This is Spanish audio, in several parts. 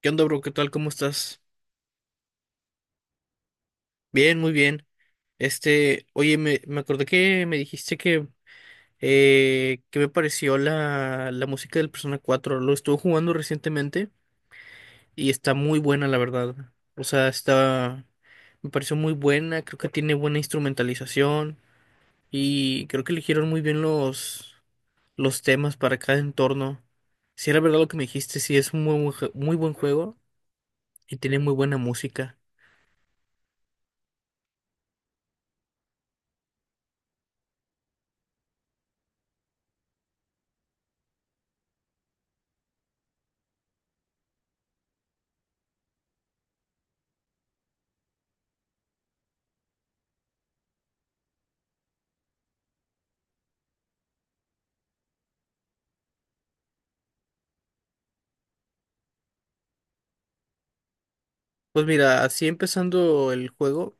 ¿Qué onda, bro? ¿Qué tal? ¿Cómo estás? Bien, muy bien. Oye, me acordé que me dijiste que me pareció la música del Persona cuatro. Lo estuve jugando recientemente y está muy buena, la verdad. O sea, me pareció muy buena, creo que tiene buena instrumentalización y creo que eligieron muy bien los temas para cada entorno. Si era verdad lo que me dijiste, sí, es un muy buen juego y tiene muy buena música. Pues mira, así empezando el juego,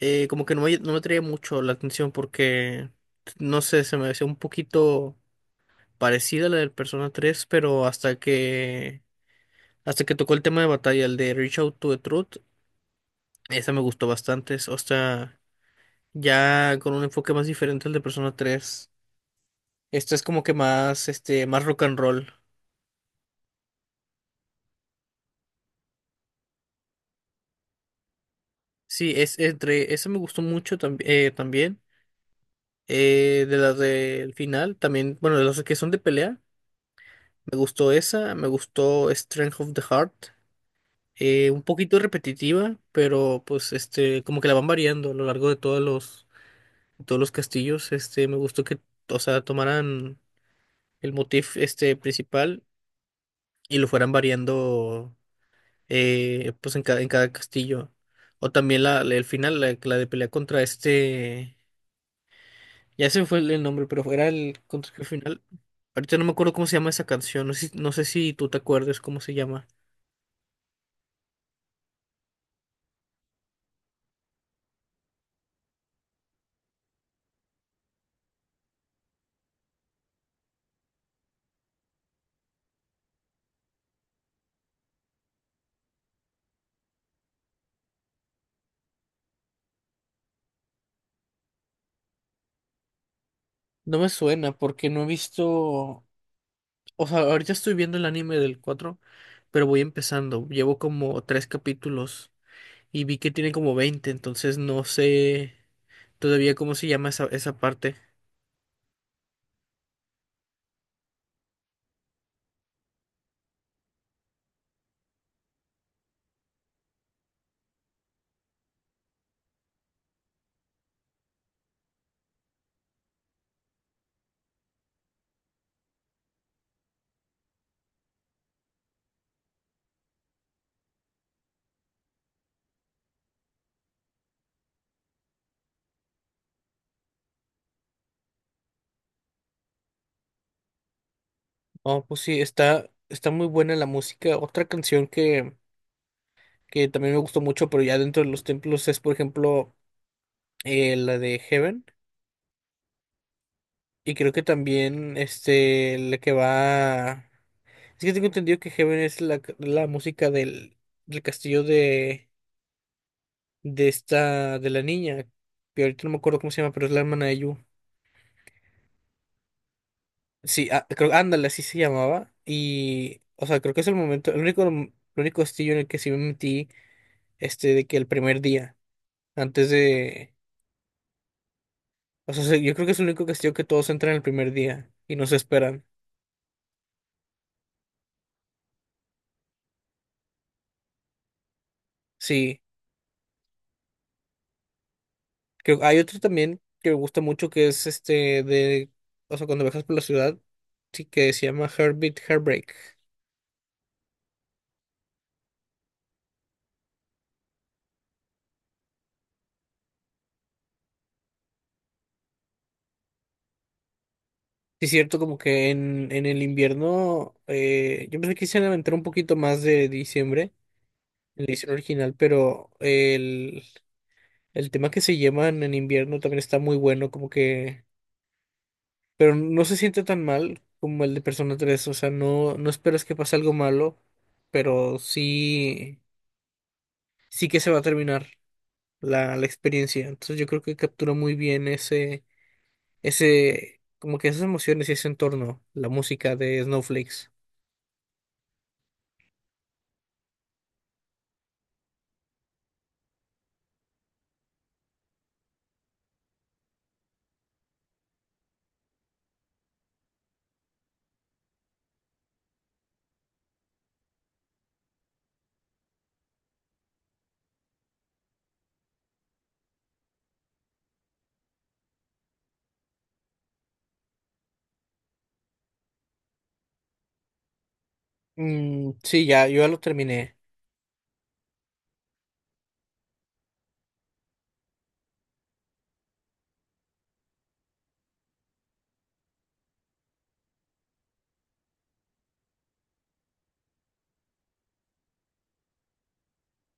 como que no me traía mucho la atención porque, no sé, se me hacía un poquito parecida a la del Persona 3, pero hasta que tocó el tema de batalla, el de Reach Out to the Truth. Esa me gustó bastante, o sea, ya con un enfoque más diferente al de Persona 3. Esta es como que más rock and roll. Sí, esa me gustó mucho también, de las del final, también, bueno, de las que son de pelea. Me gustó esa, me gustó Strength of the Heart, un poquito repetitiva, pero pues como que la van variando a lo largo de todos los castillos. Me gustó que, o sea, tomaran el motif este principal y lo fueran variando, pues en en cada castillo. O también el final, la de pelea contra ya se me fue el nombre, pero era el contra el final. Ahorita no me acuerdo cómo se llama esa canción, no sé si tú te acuerdas cómo se llama. No me suena porque no he visto, o sea, ahorita estoy viendo el anime del 4, pero voy empezando. Llevo como tres capítulos y vi que tiene como 20, entonces no sé todavía cómo se llama esa parte. No, pues sí, está muy buena la música. Otra canción que también me gustó mucho, pero ya dentro de los templos es, por ejemplo, la de Heaven. Y creo que también la que va. Es que tengo entendido que Heaven es la música del castillo de esta, de la niña, que ahorita no me acuerdo cómo se llama, pero es la hermana de Yu. Sí, ah, creo, ándale, así se llamaba. Y, o sea, creo que es el momento, el único castillo en el que sí me metí, de que el primer día, antes de, o sea, yo creo que es el único castillo que todos entran el primer día y no se esperan. Sí. Que hay otro también que me gusta mucho que es de, o sea, cuando viajas por la ciudad, sí que se llama Heartbeat Heartbreak. Sí, es cierto, como que en el invierno, yo pensé que quise aventar un poquito más de diciembre, en la edición original, pero el tema que se llevan en invierno también está muy bueno, como que, pero no se siente tan mal como el de Persona tres. O sea, no esperas que pase algo malo, pero sí, sí que se va a terminar la experiencia. Entonces yo creo que captura muy bien ese, como que esas emociones y ese entorno, la música de Snowflakes. Mm, sí, ya, yo ya lo terminé.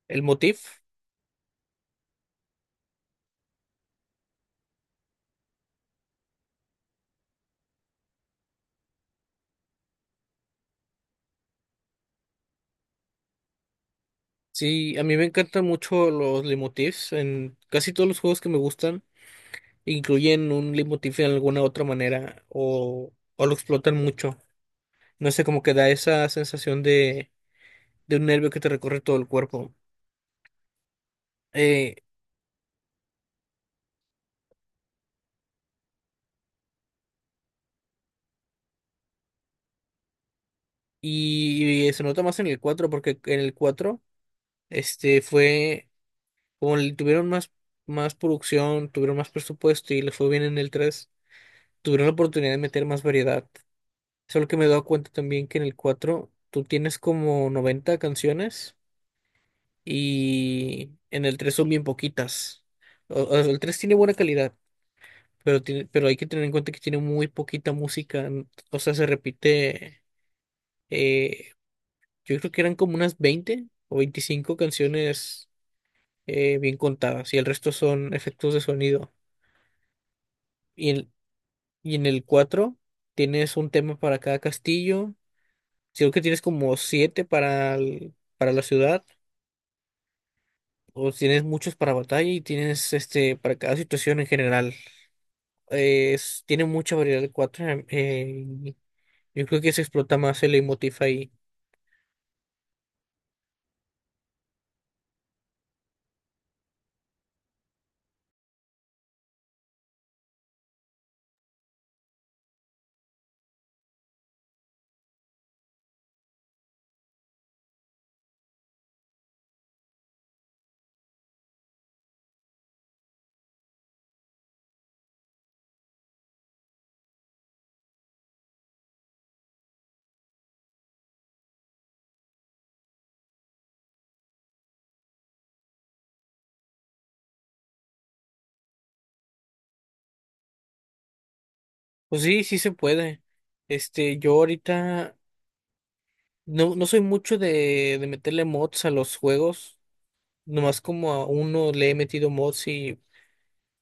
El motif, sí, a mí me encantan mucho los leitmotifs. En casi todos los juegos que me gustan incluyen un leitmotiv en alguna otra manera o lo explotan mucho. No sé, como que da esa sensación de un nervio que te recorre todo el cuerpo. Eh, y se nota más en el 4 porque en el 4 Este fue, como le tuvieron más producción, tuvieron más presupuesto y les fue bien en el tres, tuvieron la oportunidad de meter más variedad. Solo que me he dado cuenta también que en el 4 tú tienes como 90 canciones y en el 3 son bien poquitas. El 3 tiene buena calidad, pero, pero hay que tener en cuenta que tiene muy poquita música. O sea, se repite, eh, yo creo que eran como unas 20 o 25 canciones bien contadas, y el resto son efectos de sonido. Y en, y en el 4 tienes un tema para cada castillo, si creo que tienes como 7 para la ciudad, o tienes muchos para batalla y tienes para cada situación en general. Tiene mucha variedad el 4. Yo creo que se explota más el emotif ahí. Pues sí, sí se puede. Yo ahorita no soy mucho de meterle mods a los juegos. Nomás como a uno le he metido mods, y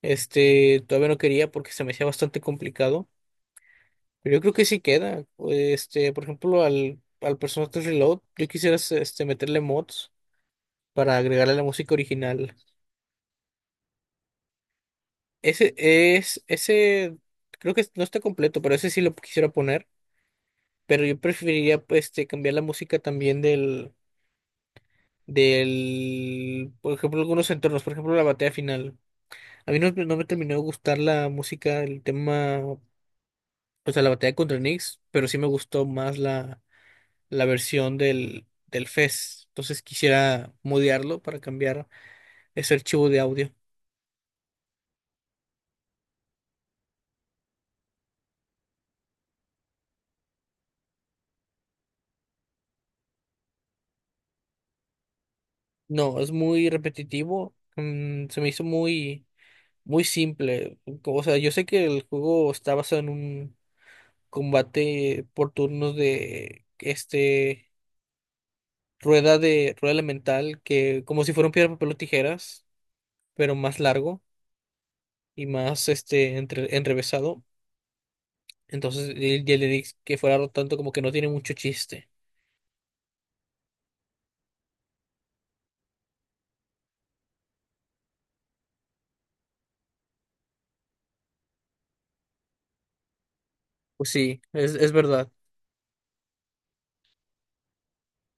todavía no quería porque se me hacía bastante complicado. Pero yo creo que sí queda. Por ejemplo, al personaje Reload, yo quisiera meterle mods para agregarle la música original. Ese, creo que no está completo, pero ese sí lo quisiera poner. Pero yo preferiría pues, cambiar la música también del, por ejemplo, algunos entornos, por ejemplo, la batalla final. A mí no me terminó de gustar la música, el tema, o sea, la batalla contra Nyx, pero sí me gustó más la versión del FES. Entonces quisiera modearlo para cambiar ese archivo de audio. No, es muy repetitivo. Se me hizo muy, muy simple. O sea, yo sé que el juego está basado en un combate por turnos de este rueda de rueda elemental, que como si fuera un piedra, papel o tijeras, pero más largo y más enrevesado. Entonces, y el Elix que fuera tanto, como que no tiene mucho chiste. Pues sí, es verdad.